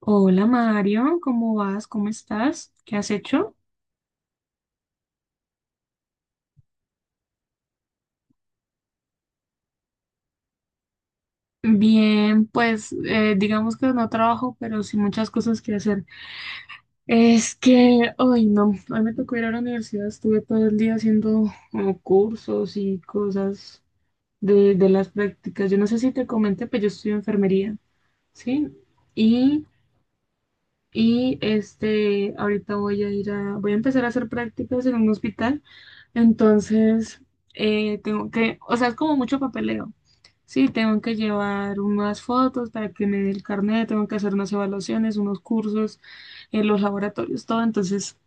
Hola Mario, ¿cómo vas? ¿Cómo estás? ¿Qué has hecho? Bien, pues digamos que no trabajo, pero sí muchas cosas que hacer. Es que hoy no, hoy me tocó ir a la universidad, estuve todo el día haciendo como cursos y cosas de las prácticas. Yo no sé si te comenté, pero yo estudio enfermería, ¿sí? Y, y este, ahorita voy a ir a, voy a empezar a hacer prácticas en un hospital. Entonces, tengo que, o sea, es como mucho papeleo. Sí, tengo que llevar unas fotos para que me dé el carnet, tengo que hacer unas evaluaciones, unos cursos en los laboratorios, todo. Entonces,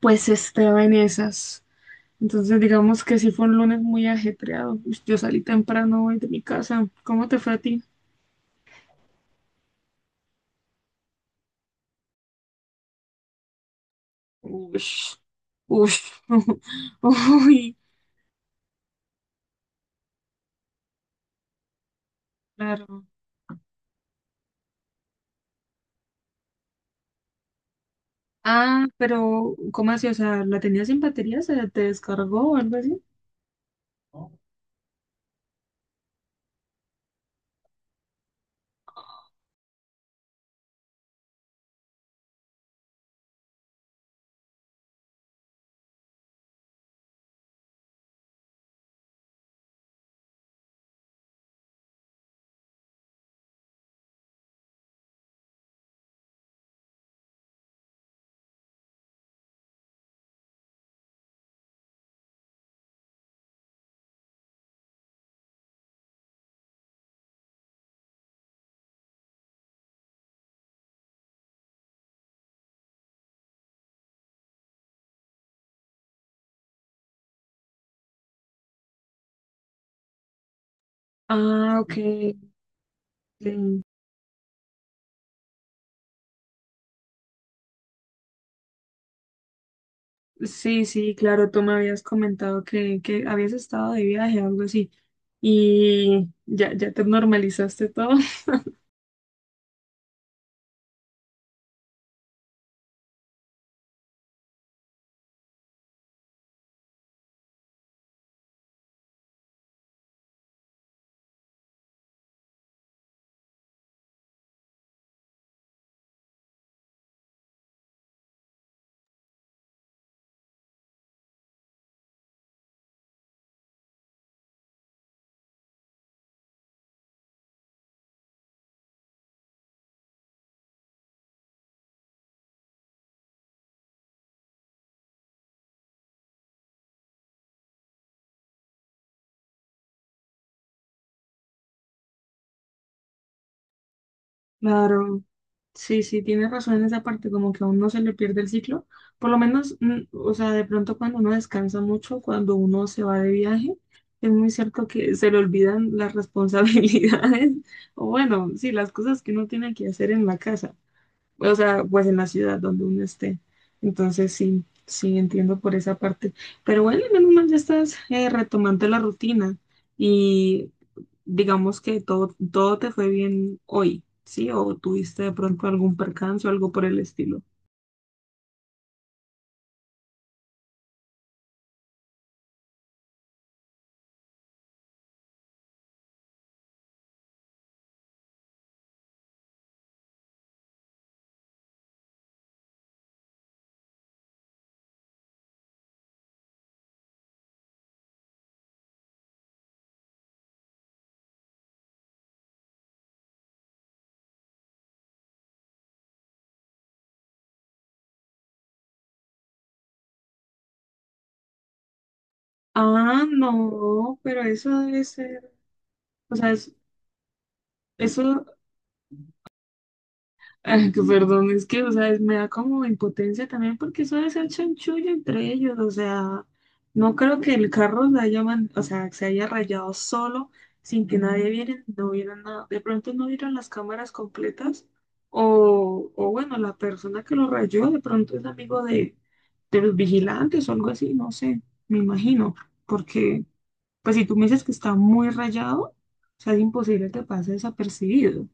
pues estaba en esas. Entonces, digamos que sí fue un lunes muy ajetreado. Ush, yo salí temprano hoy de mi casa. ¿Cómo te fue a ti? Ush, ush, uy, claro. Ah, pero ¿cómo así? O sea, ¿la tenías sin batería? ¿Se te descargó o algo así? Ah, ok. Ok. Sí, sí, claro, tú me habías comentado que habías estado de viaje o algo así. Y ya, ya te normalizaste todo. Claro, sí, sí, tienes razón en esa parte, como que a uno se le pierde el ciclo. Por lo menos, mm, o sea, de pronto cuando uno descansa mucho, cuando uno se va de viaje, es muy cierto que se le olvidan las responsabilidades, o bueno, sí, las cosas que uno tiene que hacer en la casa. O sea, pues en la ciudad donde uno esté. Entonces sí, sí entiendo por esa parte. Pero bueno, menos mal ya estás retomando la rutina y digamos que todo, todo te fue bien hoy, ¿sí? O tuviste de pronto algún percance o algo por el estilo. Ah, no, pero eso debe ser, o sea, es- eso ay, que perdón, es que, o sea, es- me da como impotencia también porque eso debe ser chanchullo entre ellos, o sea, no creo que el carro se haya, man- o sea, se haya rayado solo sin que nadie viera, no viera nada, de pronto no vieron las cámaras completas o bueno, la persona que lo rayó de pronto es amigo de los vigilantes o algo así, no sé, me imagino, porque pues si tú me dices que está muy rayado, o sea, es imposible que pase desapercibido.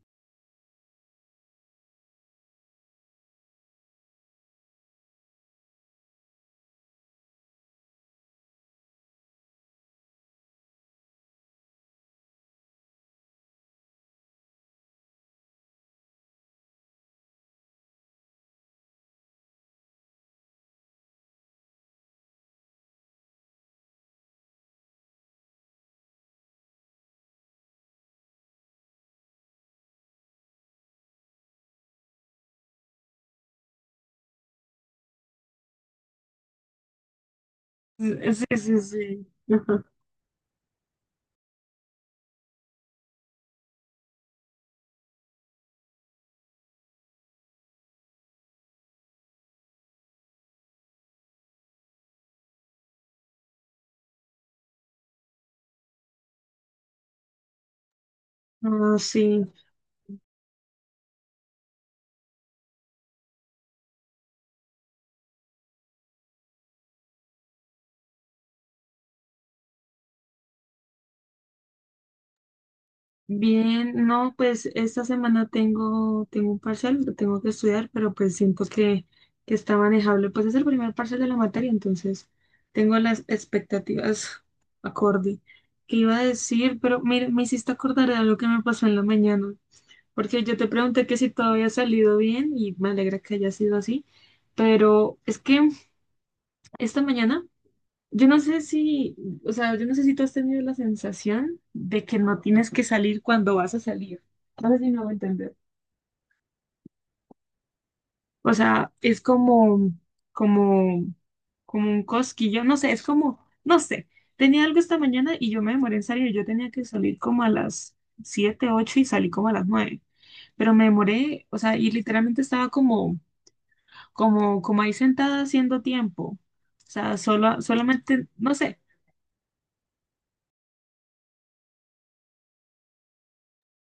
Sí, sí, sí. Sí. Ah, sí, bien, no, pues esta semana tengo, tengo un parcial, lo tengo que estudiar, pero pues siento que está manejable. Pues es el primer parcial de la materia, entonces tengo las expectativas acorde. ¿Qué iba a decir? Pero mira, me hiciste acordar de algo que me pasó en la mañana, porque yo te pregunté que si todo había salido bien y me alegra que haya sido así, pero es que esta mañana yo no sé si, o sea, yo no sé si tú has tenido la sensación de que no tienes que salir cuando vas a salir. No sé si me voy a entender. O sea, es como, como, como un cosquillo, no sé, es como, no sé. Tenía algo esta mañana y yo me demoré en salir. Yo tenía que salir como a las 7 8 y salí como a las nueve. Pero me demoré, o sea, y literalmente estaba como, como, como ahí sentada haciendo tiempo. O sea, solo, solamente, no sé.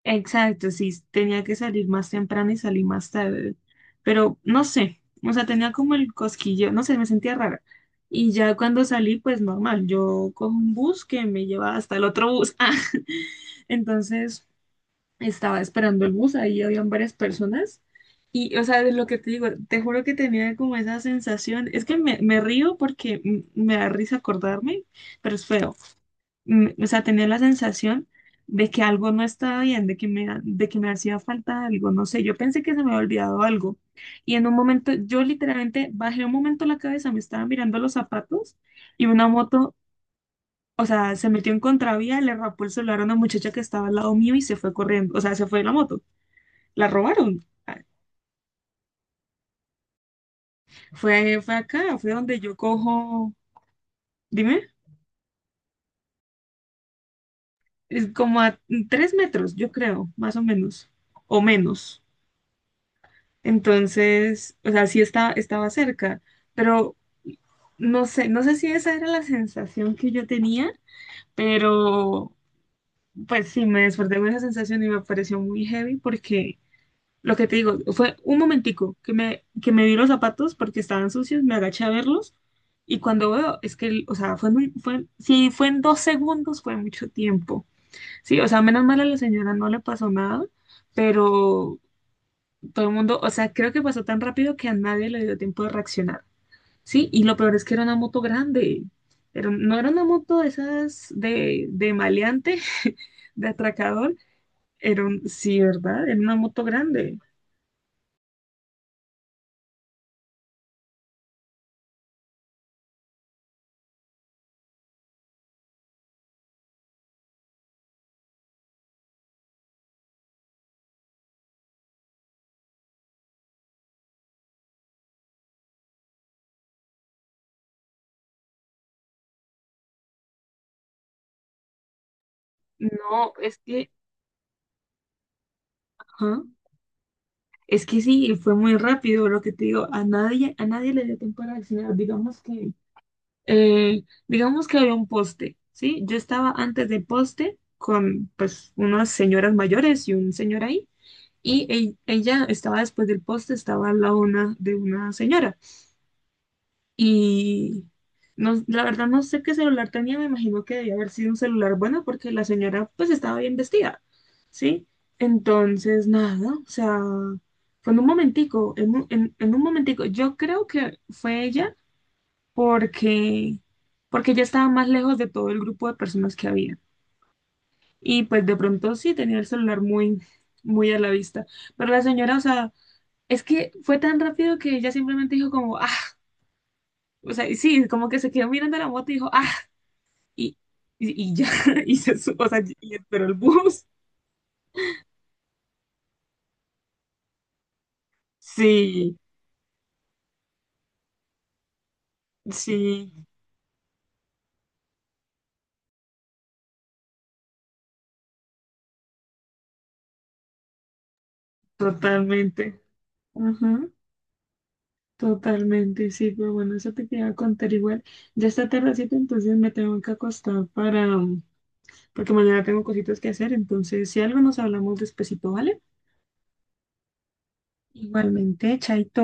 Exacto, sí, tenía que salir más temprano y salí más tarde, pero no sé, o sea, tenía como el cosquillo, no sé, me sentía rara. Y ya cuando salí, pues normal, yo cojo un bus que me lleva hasta el otro bus. Ah, entonces estaba esperando el bus, ahí habían varias personas. Y, o sea, de lo que te digo, te juro que tenía como esa sensación, es que me río porque me da risa acordarme, pero es feo. Mm, o sea, tenía la sensación de que algo no estaba bien, de que me, ha- de que me hacía falta algo, no sé, yo pensé que se me había olvidado algo. Y en un momento, yo literalmente bajé un momento la cabeza, me estaba mirando los zapatos y una moto, o sea, se metió en contravía, le rapó el celular a una muchacha que estaba al lado mío y se fue corriendo, o sea, se fue la moto, la robaron. Ah, fue, fue acá, fue donde yo cojo, dime, es como a tres metros, yo creo, más o menos, o menos. Entonces, o sea, sí está, estaba cerca, pero no sé, no sé si esa era la sensación que yo tenía, pero pues sí, me desperté con esa sensación y me pareció muy heavy porque lo que te digo, fue un momentico que me vi los zapatos porque estaban sucios, me agaché a verlos y cuando veo, es que, el- o sea, fue muy, fue, si fue en dos segundos, fue mucho tiempo. Sí, o sea, menos mal a la señora no le pasó nada, pero todo el mundo, o sea, creo que pasó tan rápido que a nadie le dio tiempo de reaccionar, ¿sí? Y lo peor es que era una moto grande, pero no era una moto de esas de maleante, de atracador, era un, sí, ¿verdad? Era una moto grande. No, es que, ajá, es que sí, fue muy rápido lo que te digo, a nadie le dio tiempo de reaccionar, digamos que había un poste, ¿sí? Yo estaba antes del poste con, pues, unas señoras mayores y un señor ahí, y e- ella estaba después del poste, estaba al lado una, de una señora. Y no, la verdad no sé qué celular tenía, me imagino que debía haber sido un celular bueno porque la señora pues estaba bien vestida, ¿sí? Entonces, nada, o sea, fue en un momentico, en un momentico, yo creo que fue ella porque, porque ella estaba más lejos de todo el grupo de personas que había. Y pues de pronto sí tenía el celular muy, muy a la vista. Pero la señora, o sea... es que fue tan rápido que ella simplemente dijo como, ah, o sea, y sí, como que se quedó mirando la moto y dijo, ah, y, y ya, y se su- o sea, y esperó el bus. Sí, sí, totalmente. Ajá, totalmente, sí, pero bueno, eso te quería contar igual. Ya está tardecito, entonces me tengo que acostar para, mm, porque mañana tengo cositas que hacer, entonces si algo nos hablamos despacito, ¿vale? Igualmente, chaito.